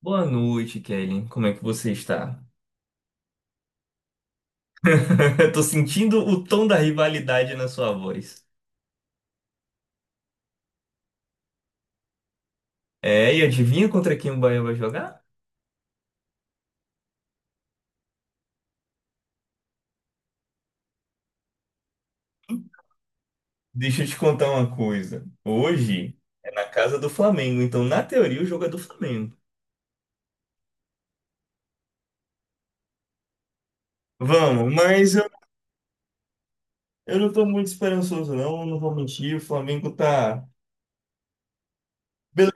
Boa noite, Kelly. Como é que você está? Eu tô sentindo o tom da rivalidade na sua voz. É, e adivinha contra quem o Bahia vai jogar? Deixa eu te contar uma coisa. Hoje é na casa do Flamengo, então na teoria o jogo é do Flamengo. Vamos, mas eu não tô muito esperançoso não, não vou mentir, o Flamengo tá. Bele-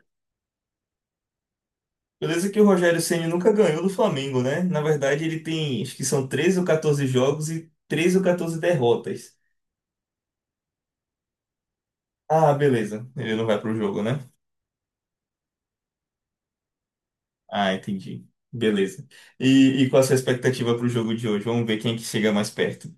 Beleza que o Rogério Ceni nunca ganhou do Flamengo, né? Na verdade ele tem, acho que são 13 ou 14 jogos e 13 ou 14 derrotas. Ah, beleza, ele não vai pro jogo, né? Ah, entendi. Beleza. E qual a sua expectativa para o jogo de hoje? Vamos ver quem é que chega mais perto.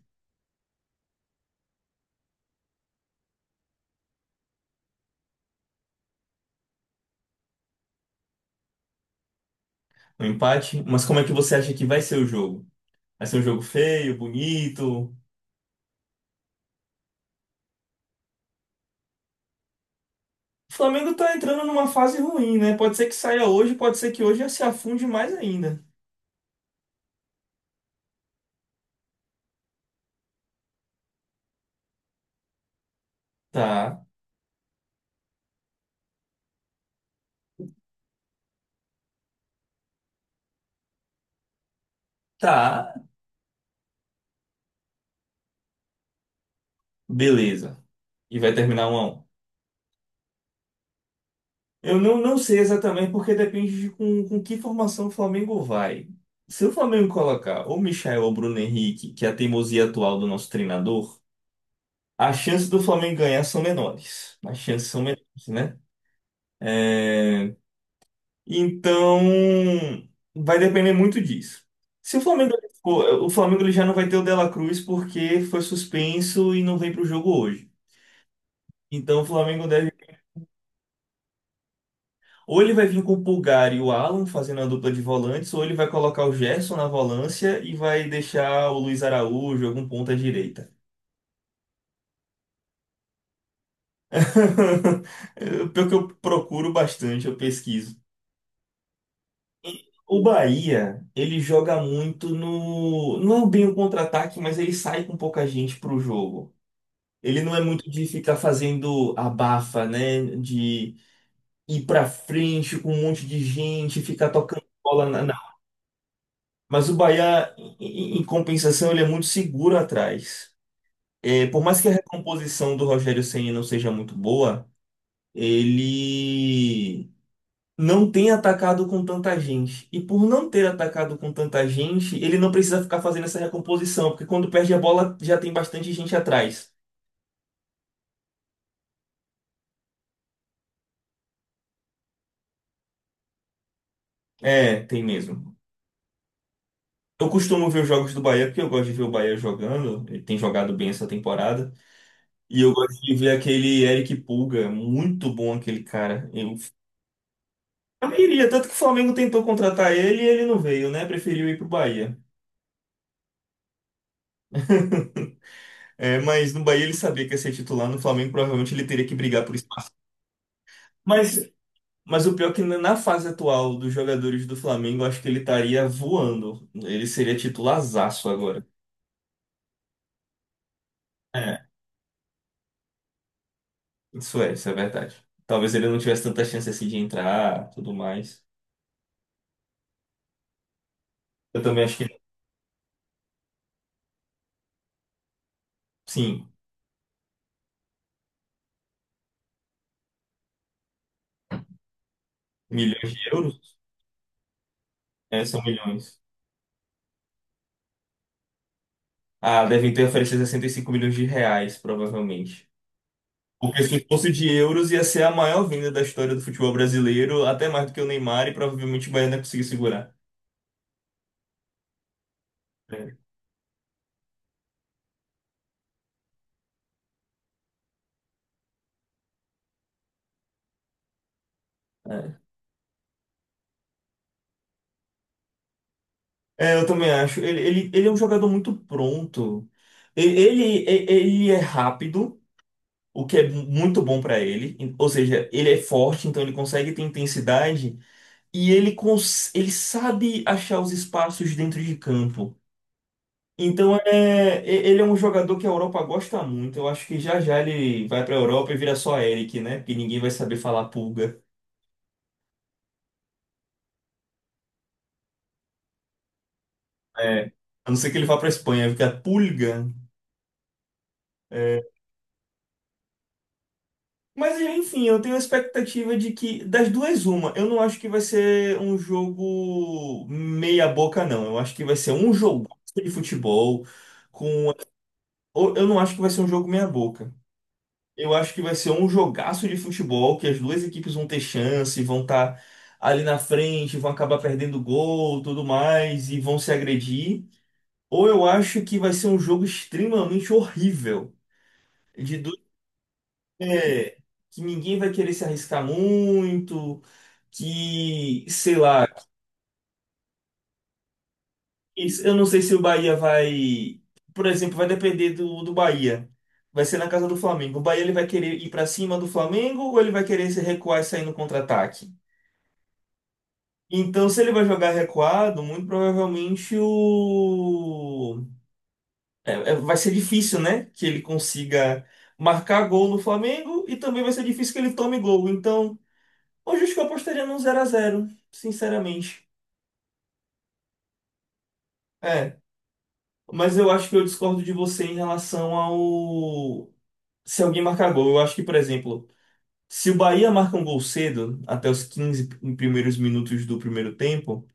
Um empate? Mas como é que você acha que vai ser o jogo? Vai ser um jogo feio, bonito? O Flamengo tá entrando numa fase ruim, né? Pode ser que saia hoje, pode ser que hoje já se afunde mais ainda. Tá, tá, beleza. E vai terminar um a um. Eu não sei exatamente porque depende de com que formação o Flamengo vai. Se o Flamengo colocar ou Michael ou Bruno Henrique, que é a teimosia atual do nosso treinador. As chances do Flamengo ganhar são menores. As chances são menores, né? É. Então, vai depender muito disso. Se o Flamengo, O Flamengo ele já não vai ter o De La Cruz porque foi suspenso e não vem para o jogo hoje. Então, o Flamengo deve. Ou ele vai vir com o Pulgar e o Alan fazendo a dupla de volantes, ou ele vai colocar o Gerson na volância e vai deixar o Luiz Araújo, algum ponta direita. Pelo que eu procuro bastante, eu pesquiso. O Bahia, ele joga muito no. Não é bem o contra-ataque, mas ele sai com pouca gente pro jogo. Ele não é muito de ficar fazendo abafa, né? De ir pra frente com um monte de gente, ficar tocando bola na. Mas o Bahia, em compensação, ele é muito seguro atrás. É, por mais que a recomposição do Rogério Ceni não seja muito boa, ele não tem atacado com tanta gente. E por não ter atacado com tanta gente, ele não precisa ficar fazendo essa recomposição, porque quando perde a bola já tem bastante gente atrás. É, tem mesmo. Eu costumo ver os jogos do Bahia porque eu gosto de ver o Bahia jogando. Ele tem jogado bem essa temporada. E eu gosto de ver aquele Eric Pulga, muito bom aquele cara. Eu iria, tanto que o Flamengo tentou contratar ele e ele não veio, né? Preferiu ir pro Bahia. É, mas no Bahia ele sabia que ia ser titular, no Flamengo provavelmente ele teria que brigar por espaço. Mas Mas o pior é que na fase atual dos jogadores do Flamengo, eu acho que ele estaria voando. Ele seria titularzaço agora. É, isso é verdade. Talvez ele não tivesse tanta chance assim de entrar, tudo mais. Eu também acho que, sim, milhões de euros? É, são milhões. Ah, devem ter oferecido 65 milhões de reais, provavelmente. Porque se fosse de euros, ia ser a maior venda da história do futebol brasileiro, até mais do que o Neymar, e provavelmente o Bahia não ia conseguir segurar. É. É, eu também acho. Ele é um jogador muito pronto. Ele é rápido, o que é muito bom pra ele. Ou seja, ele é forte, então ele consegue ter intensidade e ele sabe achar os espaços dentro de campo. Então ele é um jogador que a Europa gosta muito. Eu acho que já já ele vai pra Europa e vira só Eric, né? Porque ninguém vai saber falar pulga. É. A não ser que ele vá pra Espanha, fica pulga. Mas enfim, eu tenho a expectativa de que, das duas, uma. Eu não acho que vai ser um jogo meia boca, não. Eu acho que vai ser um jogo de futebol com. Eu não acho que vai ser um jogo meia boca. Eu acho que vai ser um jogaço de futebol que as duas equipes vão ter chance, vão estar ali na frente, vão acabar perdendo gol, tudo mais, e vão se agredir. Ou eu acho que vai ser um jogo extremamente horrível, de du- é, que ninguém vai querer se arriscar muito que, sei lá, eu não sei se o Bahia vai, por exemplo, vai depender do Bahia. Vai ser na casa do Flamengo. O Bahia ele vai querer ir pra cima do Flamengo ou ele vai querer se recuar e sair no contra-ataque? Então, se ele vai jogar recuado, muito provavelmente vai ser difícil, né, que ele consiga marcar gol no Flamengo e também vai ser difícil que ele tome gol. Então, hoje acho que eu apostaria num zero a zero sinceramente. É. Mas eu acho que eu discordo de você em relação ao. Se alguém marcar gol. Eu acho que, por exemplo, se o Bahia marca um gol cedo, até os 15 primeiros minutos do primeiro tempo,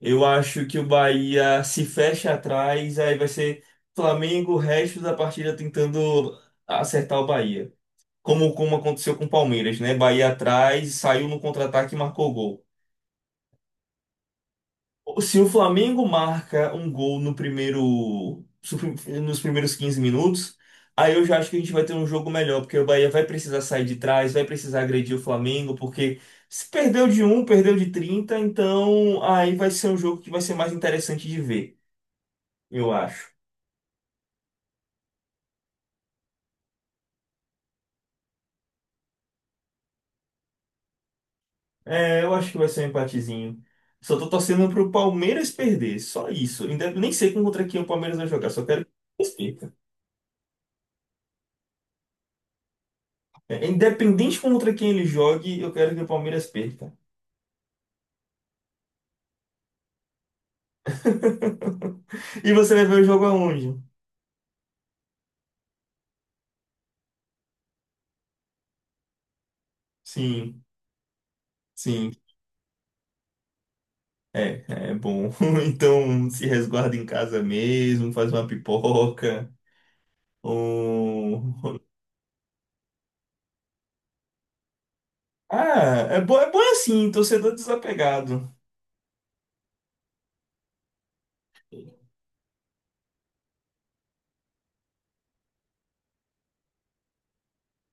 eu acho que o Bahia se fecha atrás, aí vai ser Flamengo o resto da partida tentando acertar o Bahia. Como aconteceu com o Palmeiras, né? Bahia atrás, saiu no contra-ataque e marcou gol. Se o Flamengo marca um gol no primeiro, nos primeiros 15 minutos, aí eu já acho que a gente vai ter um jogo melhor, porque o Bahia vai precisar sair de trás, vai precisar agredir o Flamengo, porque se perdeu de um perdeu de 30 então aí vai ser um jogo que vai ser mais interessante de ver, eu acho. É, eu acho que vai ser um empatezinho. Só tô torcendo pro Palmeiras perder, só isso. Nem sei contra quem o Palmeiras vai jogar, só quero que o Palmeiras perca. É, independente contra quem ele jogue, eu quero que o Palmeiras perca. E você vai ver o jogo aonde? Sim, sim, é, bom. Então se resguarda em casa mesmo, faz uma pipoca. Ou. Ah, é bom assim, torcedor desapegado.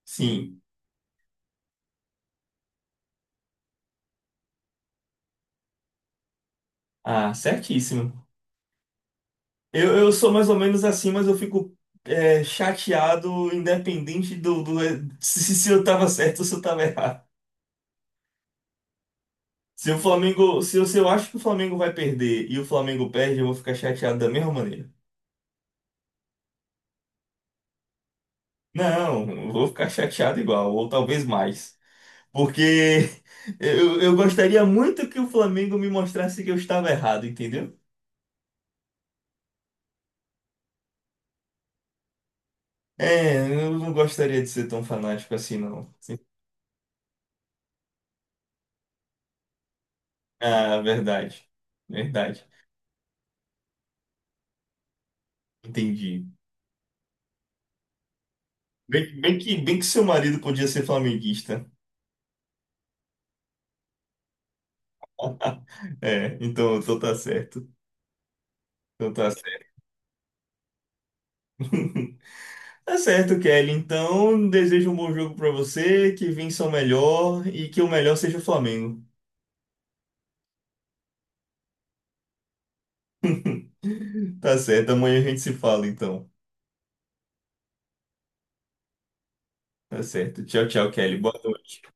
Sim, ah, certíssimo. Eu sou mais ou menos assim, mas eu fico chateado, independente do, se eu tava certo ou se eu tava errado. Se eu acho que o Flamengo vai perder e o Flamengo perde, eu vou ficar chateado da mesma maneira. Não, vou ficar chateado igual, ou talvez mais. Porque eu gostaria muito que o Flamengo me mostrasse que eu estava errado, entendeu? É, eu não gostaria de ser tão fanático assim, não. Sim. Ah, verdade. Verdade. Entendi. Bem que seu marido podia ser flamenguista. É, então tá certo. Então tá certo. Tá certo, Kelly. Então, desejo um bom jogo pra você, que vença o melhor e que o melhor seja o Flamengo. Tá certo, amanhã a gente se fala então. Tá certo. Tchau, tchau, Kelly. Boa noite.